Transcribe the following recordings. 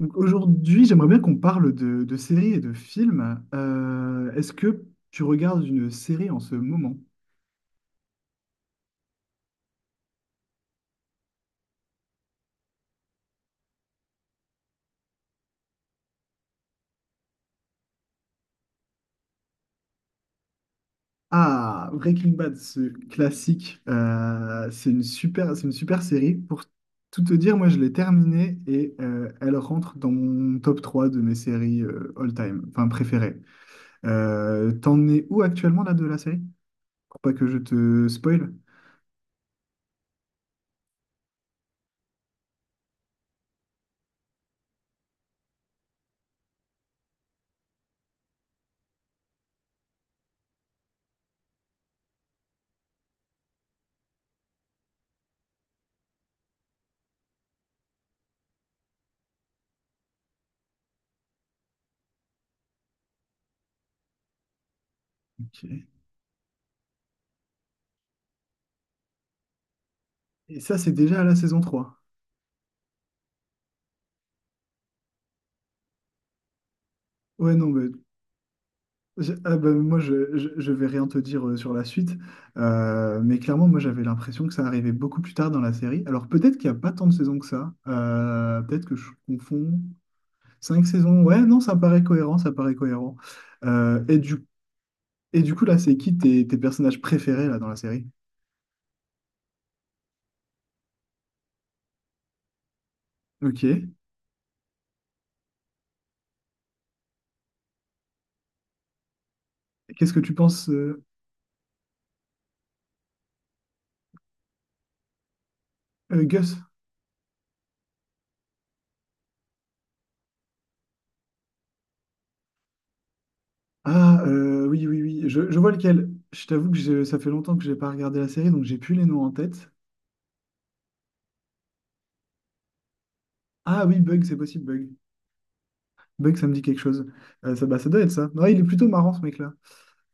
Donc aujourd'hui, j'aimerais bien qu'on parle de séries et de films. Est-ce que tu regardes une série en ce moment? Ah, Breaking Bad, ce classique, c'est une super série. Pour tout te dire, moi je l'ai terminée et elle rentre dans mon top 3 de mes séries all-time, enfin préférées. T'en es où actuellement là de la série? Pour pas que je te spoil. OK. Et ça, c'est déjà à la saison 3. Ouais, non, mais ah bah, moi, je vais rien te dire sur la suite. Mais clairement, moi, j'avais l'impression que ça arrivait beaucoup plus tard dans la série. Alors, peut-être qu'il n'y a pas tant de saisons que ça. Peut-être que je confonds. Cinq saisons, ouais, non, ça paraît cohérent, ça paraît cohérent. Euh, et du, et du coup là, c'est qui tes personnages préférés là, dans la série? OK. Qu'est-ce que tu penses, Gus? Ah, oui, oui, oui, je vois lequel. Je t'avoue que ça fait longtemps que j'ai pas regardé la série, donc j'ai plus les noms en tête. Ah oui, Bug, c'est possible, Bug. Bug, ça me dit quelque chose. Bah, ça doit être ça. Ouais, il est plutôt marrant, ce mec-là.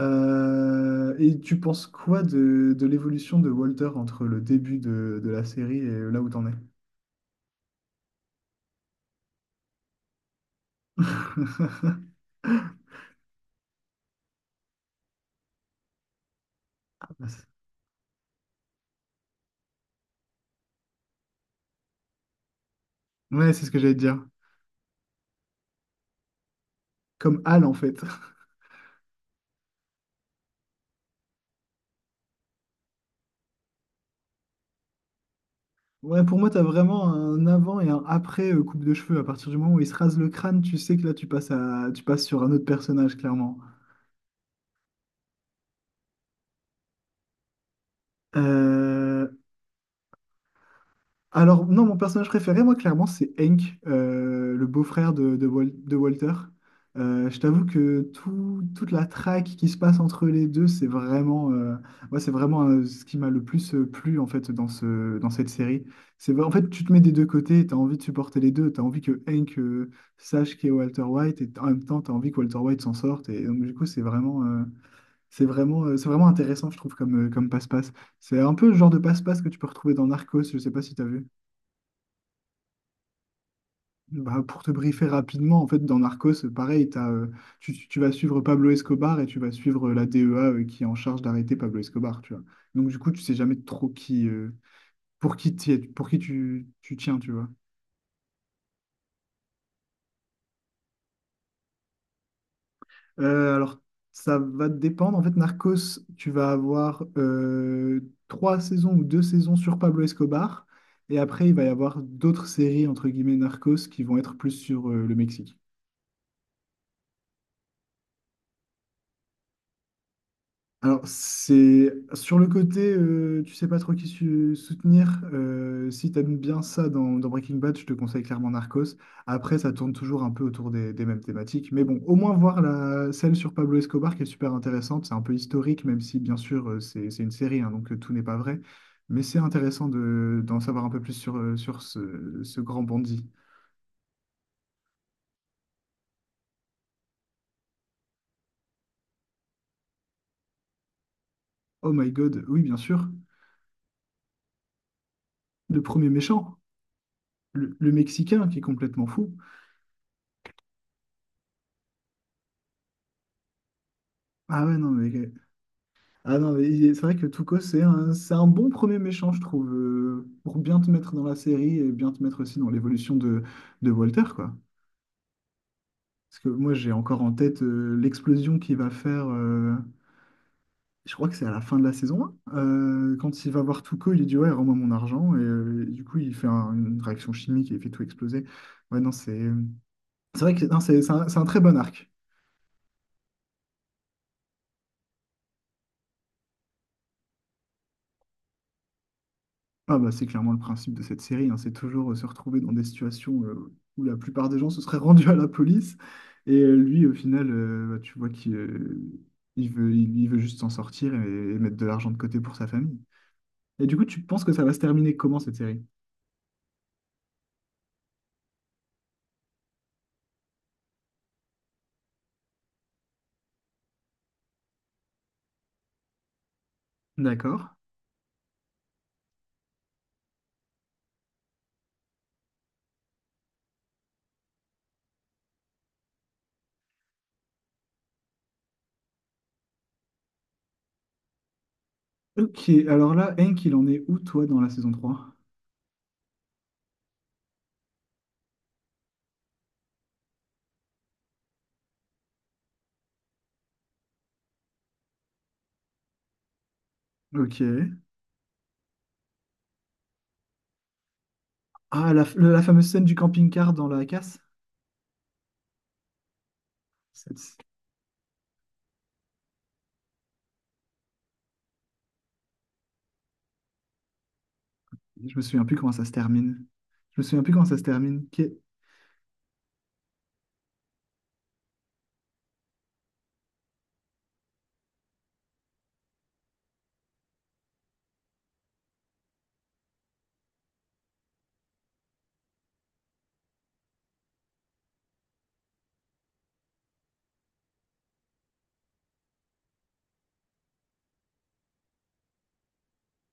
Et tu penses quoi de l'évolution de Walter entre le début de la série et là où t'en es? Ouais, c'est ce que j'allais te dire. Comme Hal, en fait. Ouais, pour moi, t'as vraiment un avant et un après coupe de cheveux. À partir du moment où il se rase le crâne, tu sais que là, tu passes sur un autre personnage, clairement. Euh, Alors, non, mon personnage préféré, moi, clairement, c'est Hank, le beau-frère de Walter. Je t'avoue que toute la traque qui se passe entre les deux, c'est vraiment, moi, c'est vraiment ce qui m'a le plus plu, en fait, dans cette série. En fait, tu te mets des deux côtés, tu as envie de supporter les deux, tu as envie que Hank sache qui est Walter White, et en même temps, tu as envie que Walter White s'en sorte. Et donc, du coup, c'est vraiment intéressant, je trouve, comme passe-passe. C'est un peu le genre de passe-passe que tu peux retrouver dans Narcos, je sais pas si tu as vu. Bah, pour te briefer rapidement, en fait, dans Narcos, pareil, tu vas suivre Pablo Escobar et tu vas suivre la DEA qui est en charge d'arrêter Pablo Escobar, tu vois. Donc, du coup, tu sais jamais trop qui, pour qui tu tiens, tu vois. Alors, ça va te dépendre. En fait, Narcos, tu vas avoir trois saisons ou deux saisons sur Pablo Escobar. Et après, il va y avoir d'autres séries, entre guillemets, Narcos, qui vont être plus sur le Mexique. Alors, c'est sur le côté, tu sais pas trop qui soutenir. Si t'aimes bien ça dans Breaking Bad, je te conseille clairement Narcos. Après, ça tourne toujours un peu autour des mêmes thématiques. Mais bon, au moins voir celle sur Pablo Escobar qui est super intéressante. C'est un peu historique, même si bien sûr c'est une série, hein, donc tout n'est pas vrai. Mais c'est intéressant d'en savoir un peu plus sur ce grand bandit. Oh my God, oui, bien sûr. Le premier méchant, le Mexicain qui est complètement fou. Ah ouais, non, mais ah non, mais c'est vrai que Tuco, c'est un bon premier méchant, je trouve, pour bien te mettre dans la série et bien te mettre aussi dans l'évolution de Walter, quoi. Parce que moi, j'ai encore en tête l'explosion qu'il va faire, je crois que c'est à la fin de la saison 1. Quand il va voir Tuco, il lui dit, ouais, rends-moi mon argent. Et du coup, il fait une réaction chimique et il fait tout exploser. Ouais, non, c'est vrai que non, c'est un très bon arc. Ah bah c'est clairement le principe de cette série, hein. C'est toujours se retrouver dans des situations où la plupart des gens se seraient rendus à la police. Et lui, au final, bah, tu vois qu'il il veut, il veut juste s'en sortir et mettre de l'argent de côté pour sa famille. Et du coup, tu penses que ça va se terminer comment cette série? D'accord. OK, alors là, Hank, il en est où toi dans la saison trois? OK. Ah, la fameuse scène du camping-car dans la casse? Cette- Je me souviens plus comment ça se termine. Je me souviens plus comment ça se termine. OK.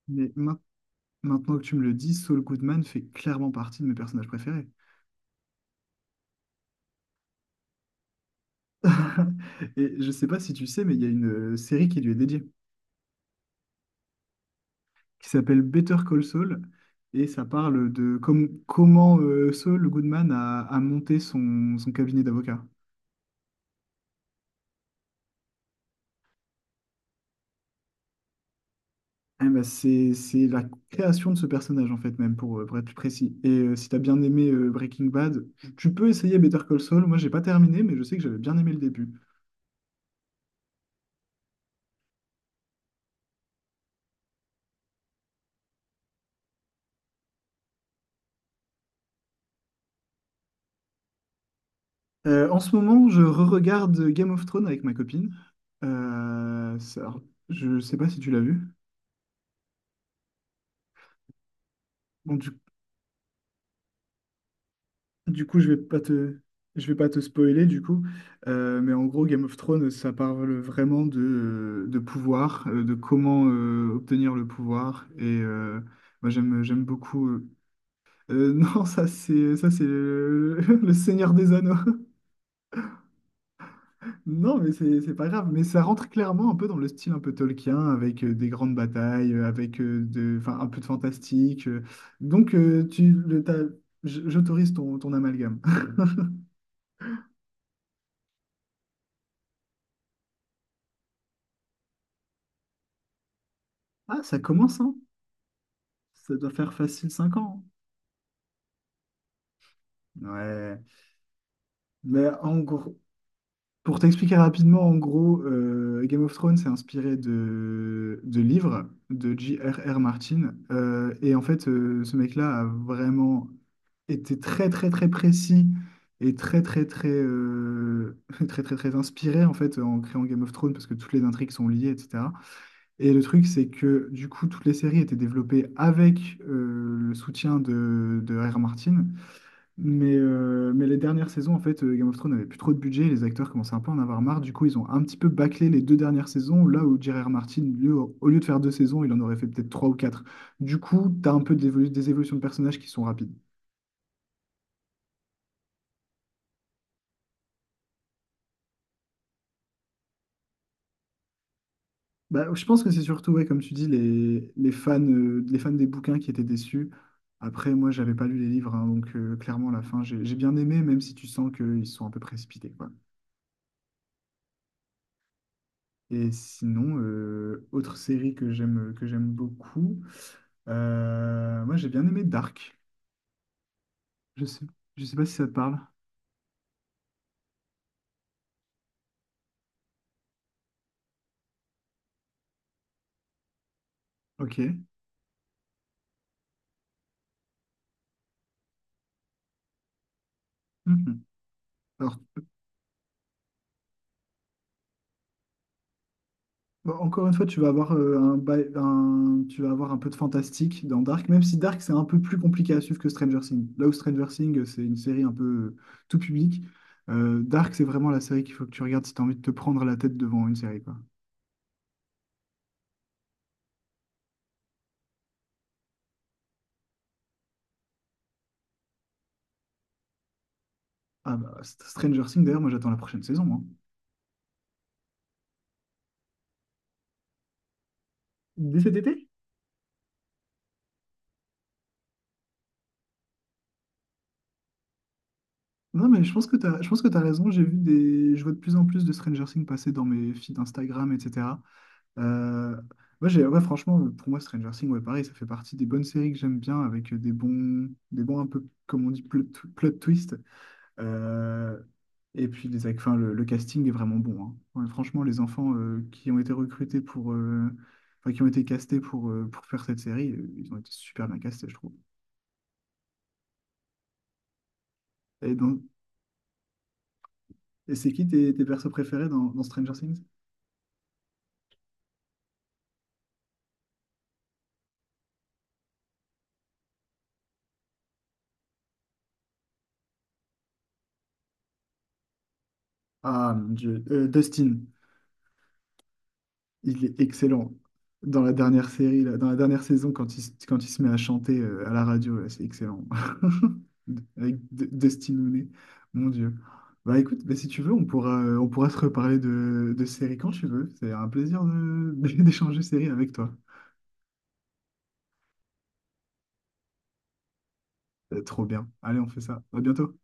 Mais mince. Maintenant que tu me le dis, Saul Goodman fait clairement partie de mes personnages préférés. Et je sais pas si tu sais, mais il y a une série qui lui est dédiée, qui s'appelle Better Call Saul, et ça parle de comment Saul Goodman a monté son cabinet d'avocat. Eh ben, c'est la création de ce personnage, en fait, même, pour être plus précis. Et si t'as bien aimé Breaking Bad, tu peux essayer Better Call Saul. Moi, j'ai pas terminé, mais je sais que j'avais bien aimé le début. En ce moment, je re-regarde Game of Thrones avec ma copine. Alors, je sais pas si tu l'as vu. Bon, du coup, je vais pas te spoiler, du coup. Mais en gros, Game of Thrones, ça parle vraiment de pouvoir, de comment obtenir le pouvoir. Et moi, j'aime beaucoup. Non, ça, c'est le Seigneur des Anneaux. Non, mais c'est pas grave. Mais ça rentre clairement un peu dans le style un peu Tolkien, avec des grandes batailles, avec enfin, un peu de fantastique. Donc, tu, le, t'as- j- j'autorise ton amalgame. Ah, ça commence, hein. Ça doit faire facile 5 ans. Ouais. Mais en gros, pour t'expliquer rapidement, en gros, Game of Thrones s'est inspiré de livres de J.R.R. Martin. Et en fait, ce mec-là a vraiment était très très très précis et très très très très très très inspiré en fait en créant Game of Thrones parce que toutes les intrigues sont liées etc. Et le truc c'est que du coup toutes les séries étaient développées avec le soutien de R.R. Martin, mais les dernières saisons en fait Game of Thrones n'avait plus trop de budget, les acteurs commençaient un peu à en avoir marre. Du coup ils ont un petit peu bâclé les deux dernières saisons, là où J.R.R. Martin lui, au lieu de faire deux saisons il en aurait fait peut-être trois ou quatre. Du coup t'as un peu des évolutions de personnages qui sont rapides. Bah, je pense que c'est surtout, ouais, comme tu dis, les fans des bouquins qui étaient déçus. Après, moi, j'avais pas lu les livres, hein, donc clairement, la fin, j'ai bien aimé, même si tu sens qu'ils sont un peu précipités, quoi. Et sinon, autre série que j'aime beaucoup, moi, j'ai bien aimé Dark. Je sais, je sais pas si ça te parle. OK. Mhm. Alors, bah, encore une fois, tu vas avoir un peu de fantastique dans Dark, même si Dark, c'est un peu plus compliqué à suivre que Stranger Things. Là où Stranger Things, c'est une série un peu tout public, Dark, c'est vraiment la série qu'il faut que tu regardes si tu as envie de te prendre la tête devant une série, quoi. Ah bah, Stranger Things, d'ailleurs, moi j'attends la prochaine saison, hein. Dès cet été? Non, mais je pense que tu raison. J'ai vu. Je vois de plus en plus de Stranger Things passer dans mes feeds Instagram, etc. Euh, ouais, ouais, franchement, pour moi, Stranger Things, ouais, pareil, ça fait partie des bonnes séries que j'aime bien, avec des bons un peu, comme on dit, plot twist. Euh, et puis, enfin, le casting est vraiment bon, hein. Ouais, franchement, les enfants qui ont été recrutés enfin, qui ont été castés pour faire cette série, ils ont été super bien castés, je trouve. Et donc, c'est qui tes persos préférés dans Stranger Things? Ah, mon Dieu, Dustin. Il est excellent. Dans la dernière série, là, dans la dernière saison, quand il se met à chanter à la radio, là, c'est excellent. Avec Dustin Hoonay, mon Dieu. Bah écoute, bah, si tu veux, on pourra se reparler de séries quand tu veux. C'est un plaisir d'échanger séries avec toi. Trop bien. Allez, on fait ça. À bientôt.